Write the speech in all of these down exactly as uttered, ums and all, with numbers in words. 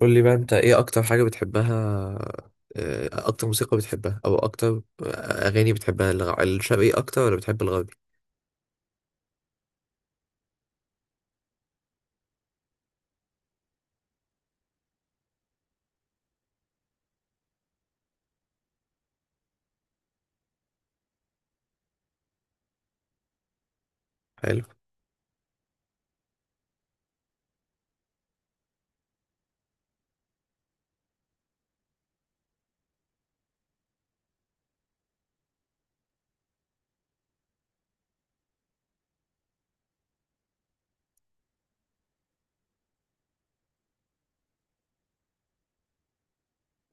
قول لي بقى انت ايه اكتر حاجة بتحبها؟ آه، اكتر موسيقى بتحبها او اكتر آه، اغاني بتحبها، الغ- الشرقي اكتر ولا بتحب الغربي؟ حلو،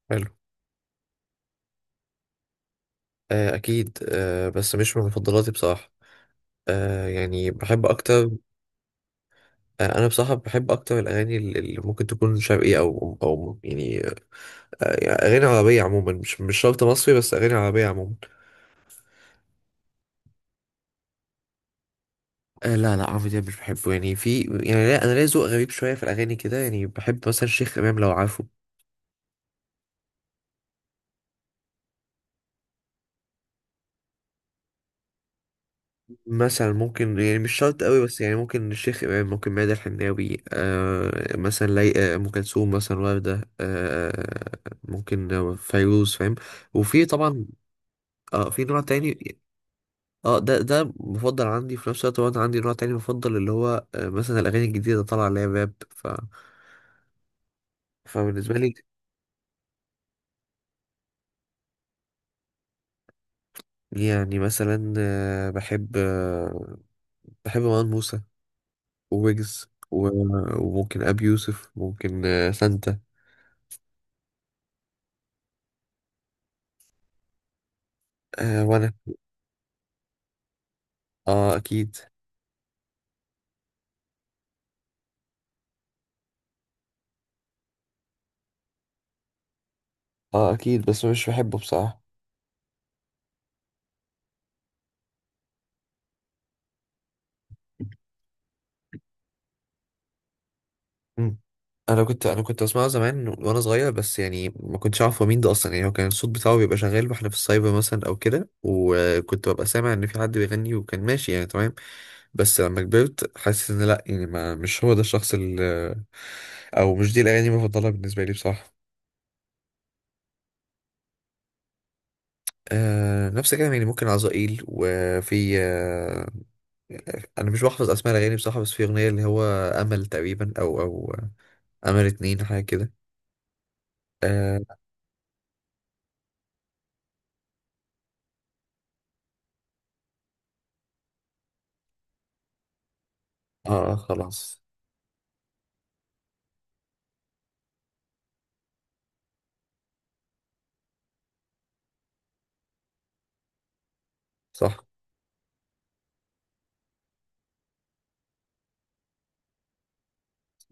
حلو. آه، اكيد. آه، بس مش من مفضلاتي بصراحة. آه، يعني بحب اكتر. آه، انا بصراحة بحب اكتر الاغاني اللي اللي ممكن تكون شرقي او او يعني، آه، يعني اغاني عربية عموما، مش مش شرط مصري، بس اغاني عربية عموما. آه، لا، لا، عمرو دياب مش بحبه. يعني في يعني لا، انا ليا ذوق غريب شويه في الاغاني كده، يعني بحب مثلا شيخ امام لو عارفه. مثلا ممكن، يعني مش شرط قوي، بس يعني ممكن الشيخ إمام، ممكن ميادة الحناوي، آه مثلا لي، آه، أم كلثوم مثلا، وردة، آه ممكن فيروز، فاهم. وفي طبعا. آه في نوع تاني. اه، ده ده مفضل عندي. في نفس الوقت برضه عندي نوع تاني مفضل، اللي هو آه مثلا الأغاني الجديدة طالعة اللي هي راب. ف... فبالنسبة لي، يعني مثلا آه بحب، آه بحب مروان موسى، وويجز و- وممكن أبي يوسف، ممكن آه سانتا. آه وأنا. اه اكيد. اه اكيد بس مش بحبه بصراحه. مم. انا كنت انا كنت بسمعه زمان وانا صغير، بس يعني ما كنتش اعرف هو مين ده اصلا. يعني هو كان الصوت بتاعه بيبقى شغال واحنا في السايبر مثلا او كده، وكنت ببقى سامع ان في حد بيغني وكان ماشي يعني تمام. بس لما كبرت حاسس ان لا، يعني ما مش هو ده الشخص اللي، او مش دي الاغاني المفضله بالنسبه لي بصراحه. آه نفس الكلام، يعني ممكن عزائيل، وفي آه انا مش بحفظ اسماء الاغاني بصراحه. بس في اغنيه اللي هو امل تقريبا، او او امل اتنين، حاجه كده. اه. اه خلاص. صح.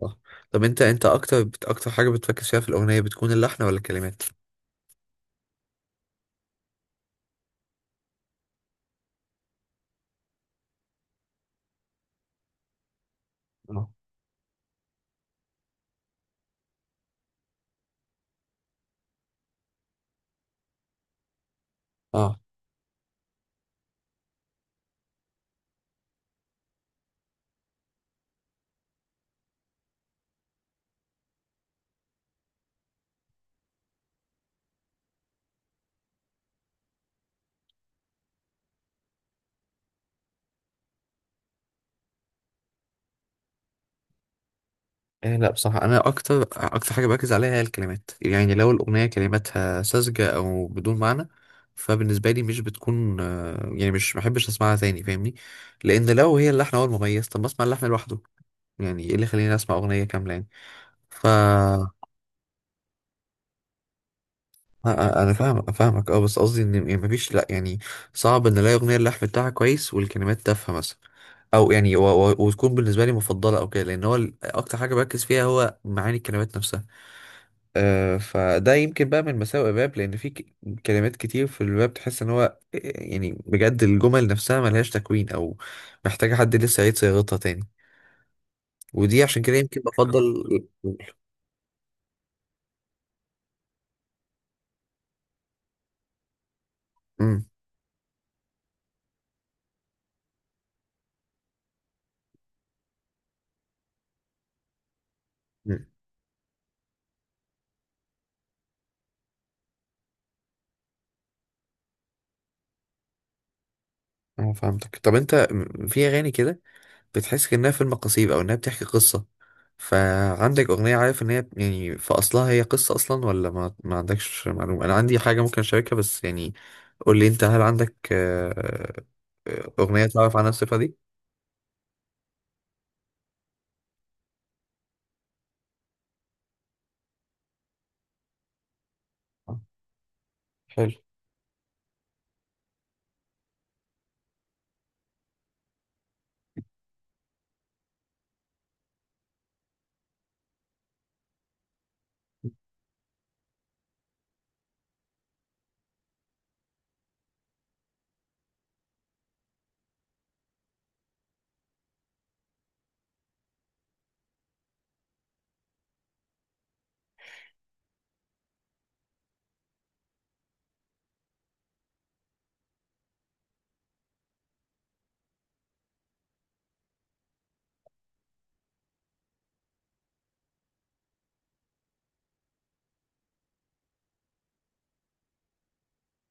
صح. طب انت، انت اكتر بت... اكتر حاجه بتركز فيها في الاغنيه بتكون اللحن ولا الكلمات؟ اه. اه، إيه، لا بصراحة أنا أكتر أكتر حاجة بركز عليها هي الكلمات. يعني لو الأغنية كلماتها ساذجة أو بدون معنى، فبالنسبة لي مش بتكون، آه، يعني مش محبش أسمعها تاني، فاهمني. لأن لو هي اللحن هو المميز، طب ما أسمع اللحن لوحده. يعني إيه اللي يخليني أسمع أغنية كاملة يعني؟ ف انا أنا فاهم، فاهمك. اه بس قصدي ان، يعني مفيش، لا يعني صعب ان الاقي اغنيه اللحن بتاعها كويس والكلمات تافهه مثلا، او يعني و... و... وتكون بالنسبه لي مفضله او كده، لان هو ال- اكتر حاجه بركز فيها هو معاني الكلمات نفسها. آه فده يمكن بقى من مساوئ الراب، لان في ك... كلمات كتير في الراب تحس ان هو، آه، يعني بجد الجمل نفسها ملهاش تكوين، او محتاجه حد لسه يعيد صياغتها تاني. ودي عشان كده يمكن بفضل. امم. أمم. اه فهمتك. طب انت، في اغاني كده بتحس كأنها فيلم قصير أو إنها بتحكي قصة، فعندك أغنية عارف إن هي يعني في أصلها هي قصة أصلا، ولا ما, ما عندكش معلومة؟ أنا عندي حاجة ممكن أشاركها، بس يعني قول لي أنت، هل عندك آه، آه، أغنية تعرف عنها الصفة دي؟ آه، حلو.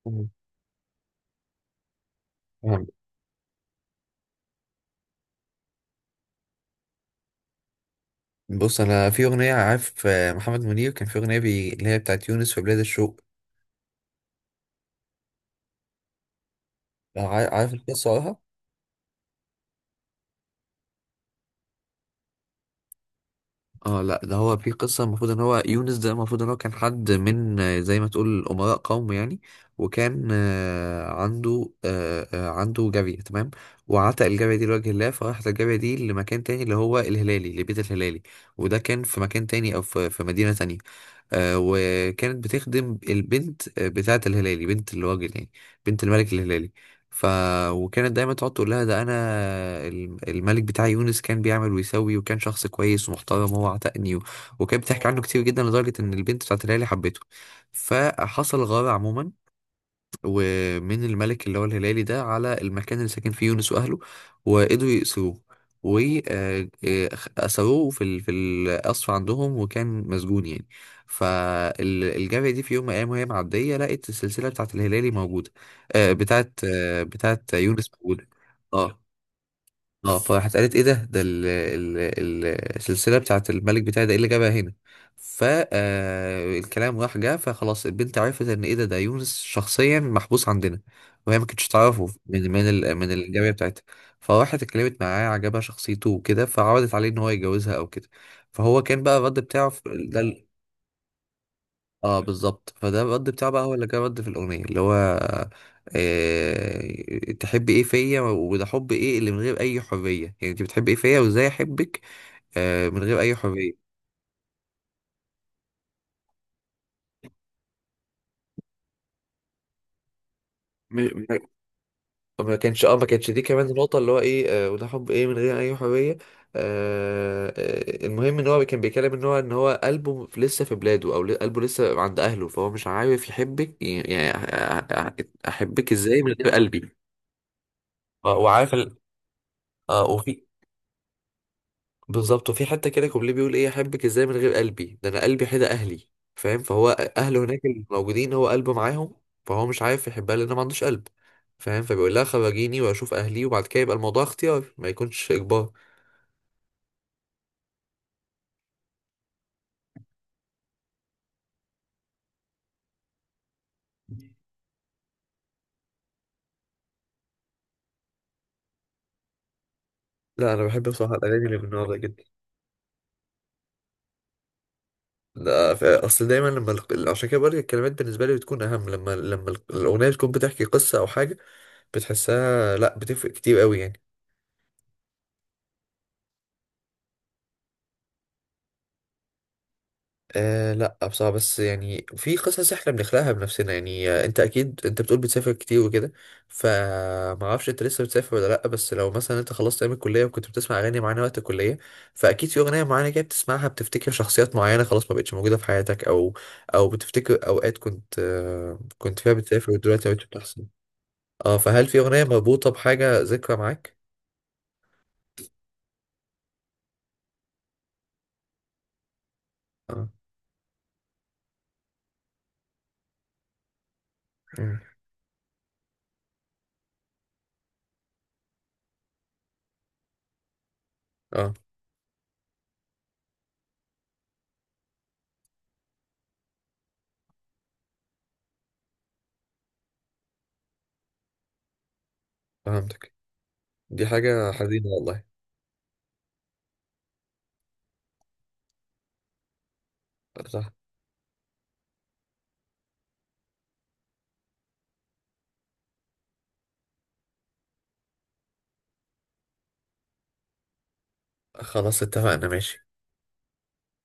مم. تمام. بص أنا في أغنية عارف، آه، محمد منير كان في أغنية، بي... اللي هي بتاعت يونس في بلاد الشوق. عار- عارف القصة وراها؟ اه لا، ده هو في قصة. المفروض ان هو يونس ده المفروض ان هو كان حد من، آه، زي ما تقول امراء قوم يعني. وكان آه، عنده، آه، آه، عنده جارية، تمام. وعتق الجارية دي لوجه الله، فراحت الجارية دي لمكان تاني، اللي هو الهلالي، لبيت الهلالي. وده كان في مكان تاني، او في في مدينة تانية. آه، وكانت بتخدم البنت، آه، بتاعة الهلالي، بنت الراجل يعني، بنت الملك الهلالي. ف وكانت دايما تقعد تقول لها ده انا، الم- الملك بتاع يونس كان بيعمل ويسوي، وكان شخص كويس ومحترم، وهو عتقني و... وكانت بتحكي عنه كتير جدا، لدرجة ان البنت بتاعة الهلالي حبته. فحصل غارة عموما، ومن الملك اللي هو الهلالي ده على المكان اللي ساكن فيه يونس واهله. وقدروا يأسروه، وأسروه في ال- في القصر عندهم، وكان مسجون يعني. فالجارية دي في يوم من الأيام، وهي معدية، لقت السلسلة بتاعت الهلالي موجودة، آه، بتاعت آه، بتاعت يونس موجودة. اه. اه فراحت قالت ايه ده، ده ال ال ال السلسله بتاعت الملك بتاعي ده ايه اللي جابها هنا. ف آه، الكلام راح جه، فخلاص البنت عرفت ان ايه، ده ده يونس شخصيا محبوس عندنا، وهي ما كانتش تعرفه من من ال من الجاريه بتاعتها. فراحت اتكلمت معاه، عجبها شخصيته وكده، فعرضت عليه ان هو يتجوزها او كده. فهو كان بقى الرد بتاعه في- ده. اه بالظبط. فده الرد بتاعه بقى هو اللي كان رد في الاغنيه، اللي هو إيه تحب ايه فيا، وده حب ايه اللي من غير اي حريه. يعني انت بتحب ايه فيا وازاي احبك آه من غير اي حريه. م- م- ما كانش، اه ما كانش دي كمان النقطة، اللي هو ايه آه وده حب ايه من غير اي حرية. آه، آه، المهم ان هو كان بيتكلم ان هو ان هو قلبه في- لسه في بلاده، او ل- قلبه لسه عند اهله. فهو مش عارف يحبك يعني. يعني أ- أ- أ- احبك ازاي من غير قلبي. آه، وعارف ال... اه وفي، بالظبط وفي حتة كده كوبليه بيقول ايه، احبك ازاي من غير قلبي، ده انا قلبي حدا اهلي. فاهم. فهو اهله هناك الموجودين، هو قلبه معاهم، فهو مش عارف يحبها لانه ما عندوش قلب. فاهم. فبيقول لها خرجيني واشوف اهلي، وبعد كده يبقى الموضوع اختيار، ما يكونش اجبار. لا انا بحب بصراحه الاغاني اللي من النوع ده جدا. ده ف- اصل دايما، لما ال- عشان كده بقول لك الكلمات بالنسبه لي بتكون اهم، لما لما ال- الاغنيه تكون بتحكي قصه او حاجه بتحسها، لا بتفرق كتير قوي يعني. آه لا بصراحة. بس يعني في قصص احنا بنخلقها بنفسنا يعني. آه، انت اكيد، انت بتقول بتسافر كتير وكده، فما اعرفش انت لسه بتسافر ولا لا. بس لو مثلا انت خلصت ايام الكلية وكنت بتسمع اغاني معانا وقت الكلية، فاكيد في اغنية معانا كده بتسمعها بتفتكر شخصيات معينة خلاص ما بقتش موجودة في حياتك، او او بتفتكر اوقات كنت آه كنت فيها بتسافر ودلوقتي ما بقتش بتحصل. اه فهل في اغنية مربوطة بحاجة ذكرى معاك؟ اه. مم. اه فهمتك. دي حاجة حزينة والله. صح. خلاص اتفقنا، ماشي.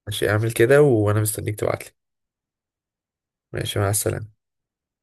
ماشي اعمل كده وانا مستنيك تبعتلي. ماشي مع السلامة.